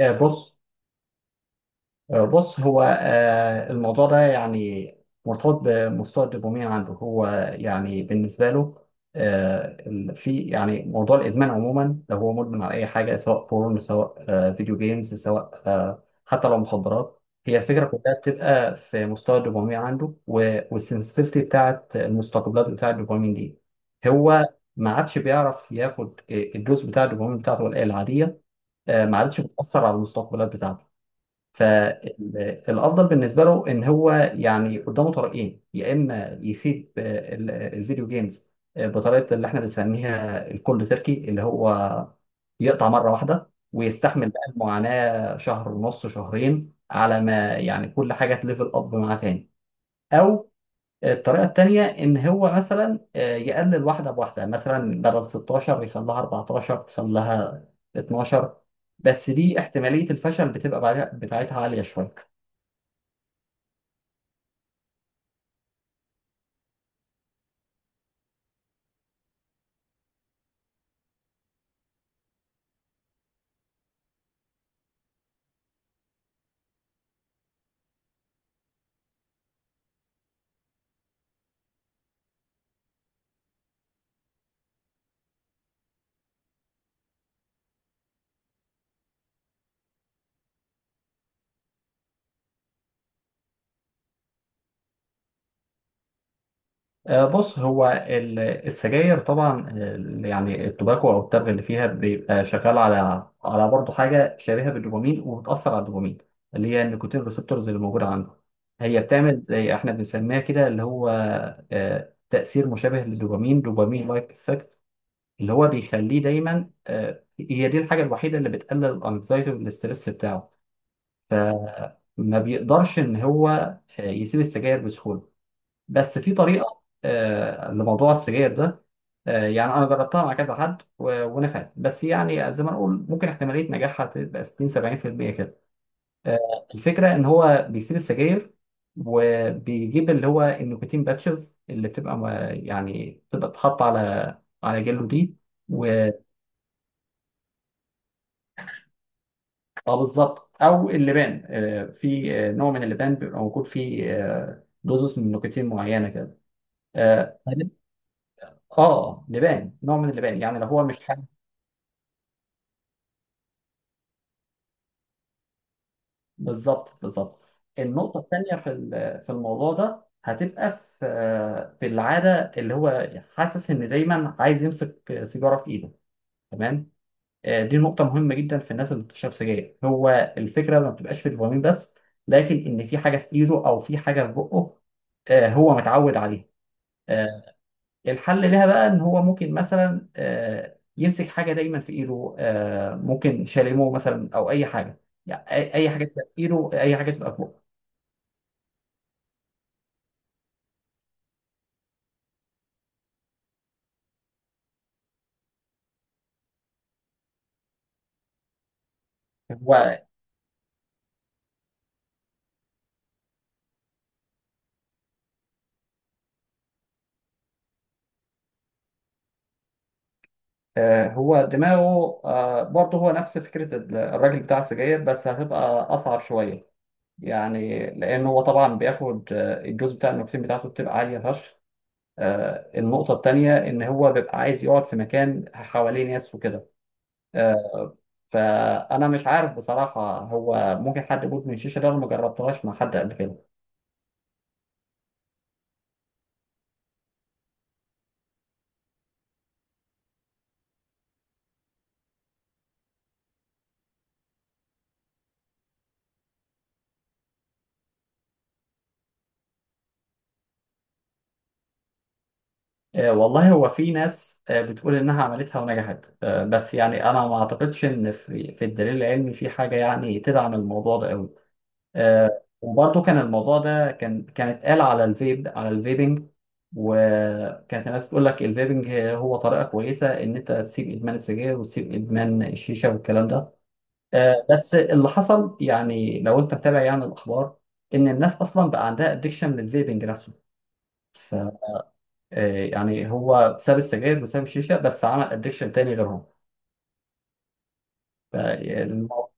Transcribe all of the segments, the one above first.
بص. بص، هو الموضوع ده يعني مرتبط بمستوى الدوبامين عنده. هو يعني بالنسبة له، في يعني موضوع الإدمان عموما، لو هو مدمن على أي حاجة، سواء بورن، سواء فيديو جيمز، سواء حتى لو مخدرات، هي الفكرة كلها بتبقى في مستوى الدوبامين عنده والسنسitivity بتاعت المستقبلات بتاعت الدوبامين دي. هو ما عادش بيعرف ياخد الدوز بتاع الدوبامين بتاعته العادية. ما عادش بتأثر على المستقبلات بتاعته. فالافضل بالنسبه له ان هو يعني قدامه طريقين، يا اما يسيب الفيديو جيمز بطريقه اللي احنا بنسميها الكولد تركي، اللي هو يقطع مره واحده ويستحمل بقى المعاناه شهر ونص، شهرين، على ما يعني كل حاجه تليفل اب معاه تاني. او الطريقة التانية، إن هو مثلا يقلل واحدة بواحدة، مثلا بدل 16 يخليها 14 يخليها 12. بس دي احتمالية الفشل بتبقى بتاعتها عالية شوية. بص، هو السجاير طبعا، يعني التوباكو أو التبغ اللي فيها، بيبقى شغال على على برضه حاجة شبيهة بالدوبامين وبتأثر على الدوبامين، اللي هي النيكوتين ريسبتورز اللي موجودة عنده. هي بتعمل زي احنا بنسميها كده، اللي هو تأثير مشابه للدوبامين، دوبامين لايك، اللي هو بيخليه دايما هي دي الحاجه الوحيده اللي بتقلل الانكزايتي والاسترس بتاعه. فما بيقدرش ان هو يسيب السجاير بسهوله. بس في طريقه لموضوع السجاير ده. يعني انا جربتها مع كذا حد ونفعت، بس يعني زي ما نقول ممكن احتماليه نجاحها تبقى 60 70% كده. الفكره ان هو بيسيب السجاير وبيجيب اللي هو النيكوتين باتشز اللي يعني بتبقى تتحط على على جلده دي. اه بالظبط. او اللبان، في نوع من اللبان بيبقى موجود فيه دوزس من نيكوتين معينه كده. اه طيب. لبان، نوع من اللبان، يعني لو هو مش حاجه. بالظبط، بالظبط. النقطه الثانيه في في الموضوع ده هتبقى في في العاده، اللي هو حاسس ان دايما عايز يمسك سيجاره في ايده. تمام. دي نقطه مهمه جدا في الناس اللي بتشرب سجاير. هو الفكره ما بتبقاش في الدوبامين بس، لكن ان في حاجه في ايده او في حاجه في بقه هو متعود عليها. آه، الحل لها بقى ان هو ممكن مثلا يمسك حاجه دايما في ايده، ممكن شاليمو مثلا او اي حاجه، يعني أي حاجه تبقى في ايده، اي حاجه تبقى فوق. هو هو دماغه برضه هو نفس فكره الراجل بتاع السجاير، بس هتبقى اصعب شويه، يعني لان هو طبعا بياخد الجزء بتاع النيكوتين بتاعته بتبقى عاليه فشخ. النقطه التانيه ان هو بيبقى عايز يقعد في مكان حواليه ناس وكده آه، فانا مش عارف بصراحه هو ممكن حد يموت من الشيشه ده، انا ما جربتهاش مع حد قبل كده. والله، هو في ناس بتقول انها عملتها ونجحت، بس يعني انا ما اعتقدش ان في الدليل العلمي في حاجه يعني تدعم الموضوع ده قوي. وبرضه كان الموضوع ده كان اتقال على الفيب، على الفيبنج، وكانت الناس بتقول لك الفيبنج هو طريقه كويسه ان انت تسيب ادمان السجاير وتسيب ادمان الشيشه والكلام ده. بس اللي حصل يعني لو انت متابع يعني الاخبار، ان الناس اصلا بقى عندها ادكشن للفيبنج نفسه. ف آه، يعني هو ساب السجاير وساب الشيشه بس عمل ادكشن تاني غيرهم. ف- الموضوع-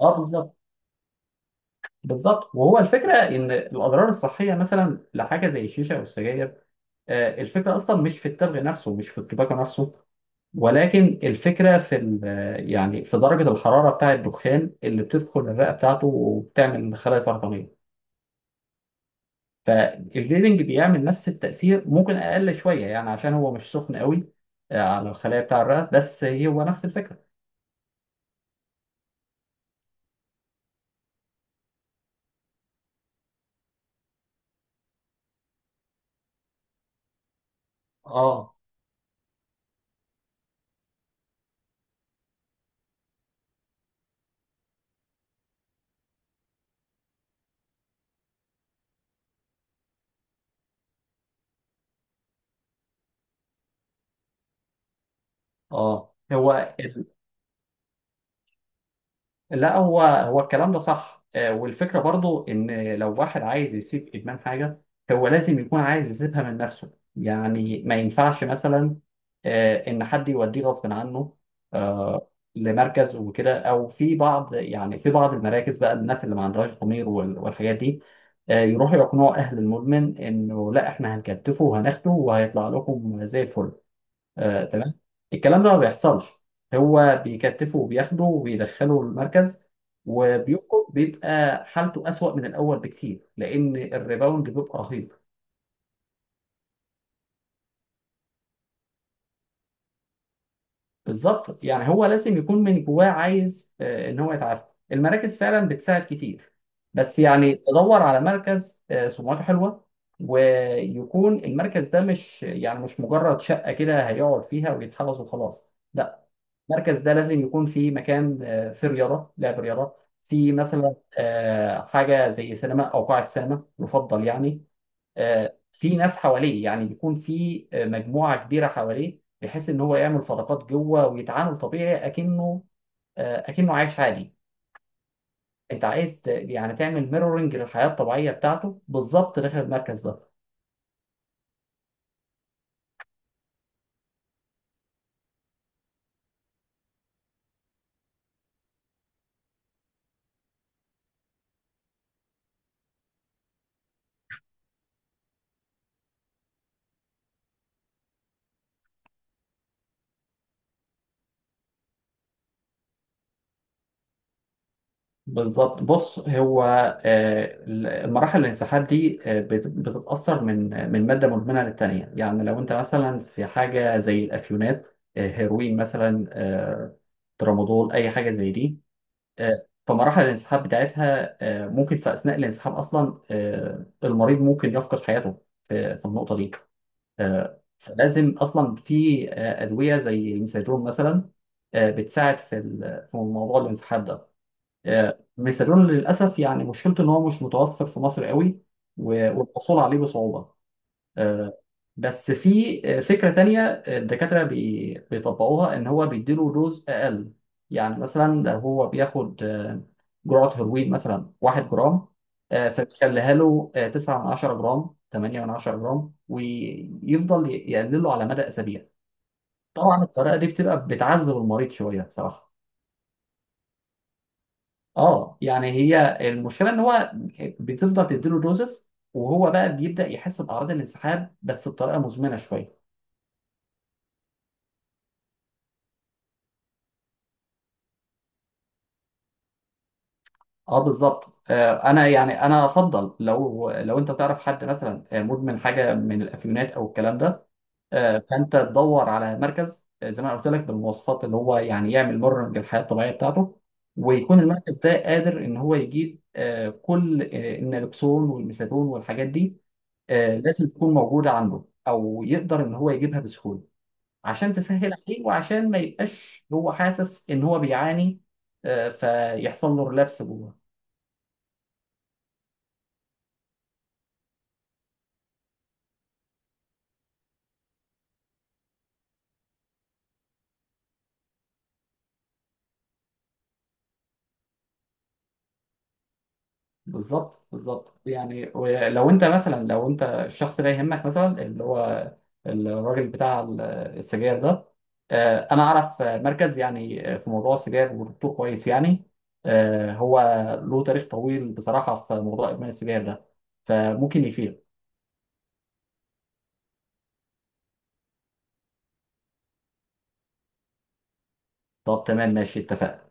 اه بالظبط. بالظبط. وهو الفكره ان الاضرار الصحيه مثلا لحاجه زي الشيشه او السجاير، الفكره اصلا مش في التبغ نفسه، مش في التباكو نفسه، ولكن الفكره في يعني في درجه الحراره بتاع الدخان اللي بتدخل الرئه بتاعته وبتعمل خلايا سرطانيه. فالبليدنج بيعمل نفس التأثير، ممكن أقل شوية، يعني عشان هو مش سخن قوي على الخلايا بتاع الرئة، بس هو نفس الفكرة. اه. اه. هو لا، هو الكلام ده صح. والفكرة برضو ان لو واحد عايز يسيب ادمان حاجة، هو لازم يكون عايز يسيبها من نفسه، يعني ما ينفعش مثلا ان حد يوديه غصب عنه آه، لمركز وكده. او في بعض، يعني في بعض المراكز بقى الناس اللي ما عندهاش ضمير والحاجات دي يروحوا يقنعوا اهل المدمن انه لا، احنا هنكتفه وهناخده وهيطلع لكم زي الفل. تمام. الكلام ده ما بيحصلش. هو بيكتفه وبياخده وبيدخله المركز، وبيوقف بيبقى حالته أسوأ من الأول بكتير، لأن الريباوند بيبقى رهيب. بالظبط. يعني هو لازم يكون من جواه عايز إن هو يتعافى. المراكز فعلا بتساعد كتير، بس يعني تدور على مركز سمعته حلوة، ويكون المركز ده مش يعني مش مجرد شقة كده هيقعد فيها ويتحفظ وخلاص، لا. المركز ده لازم يكون فيه مكان فيه رياضه، لعب رياضه، في مثلا حاجه زي سينما او قاعه سينما، يفضل يعني في ناس حواليه، يعني يكون في مجموعه كبيره حواليه، بحيث ان هو يعمل صداقات جوه ويتعامل طبيعي، اكنه اكنه عايش عادي. انت عايز يعني تعمل ميرورنج للحياه الطبيعيه بتاعته بالظبط داخل المركز ده. بالظبط. بص، هو آه، المراحل الانسحاب دي بتتأثر من مادة مدمنة للتانية، يعني لو انت مثلا في حاجة زي الأفيونات، هيروين مثلا، ترامادول، أي حاجة زي دي. فمراحل الانسحاب بتاعتها ممكن في أثناء الانسحاب أصلا المريض ممكن يفقد حياته في النقطة دي. فلازم أصلا في أدوية زي الميزاجون مثلا بتساعد في في موضوع الانسحاب ده. ميسالون للاسف يعني مشكلته ان هو مش متوفر في مصر قوي، والحصول عليه بصعوبه. آه، بس في فكره تانية الدكاتره بيطبقوها، ان هو بيديله دوز اقل. يعني مثلا لو هو بياخد جرعه هيروين مثلا 1 جرام، فبيخليها له 9 من 10 جرام، 8 من 10 جرام، ويفضل يقلله على مدى اسابيع. طبعا الطريقه دي بتبقى بتعذب المريض شويه بصراحه. اه، يعني هي المشكله ان هو بتفضل تديله دوزس، وهو بقى بيبدا يحس باعراض الانسحاب بس بطريقه مزمنه شويه. اه بالظبط. انا يعني افضل لو انت تعرف حد مثلا مدمن حاجه من الافيونات او الكلام ده فانت تدور على مركز زي ما أنا قلت لك، بالمواصفات اللي هو يعني يعمل مرن للحياه الطبيعيه بتاعته، ويكون المركز ده قادر ان هو يجيب كل النالكسون والميثادون والحاجات دي. لازم تكون موجودة عنده، أو يقدر إن هو يجيبها بسهولة، عشان تسهل عليه وعشان ما يبقاش هو حاسس إن هو بيعاني، فيحصل له ريلابس جوه. بالظبط، بالظبط. يعني لو أنت مثلا، لو أنت الشخص ده يهمك مثلا، اللي هو الراجل بتاع السجاير ده، أنا أعرف مركز يعني في موضوع السجاير، ودكتور كويس يعني هو له تاريخ طويل بصراحة في موضوع إدمان السجاير ده، فممكن يفيد. طب تمام، ماشي، اتفقنا.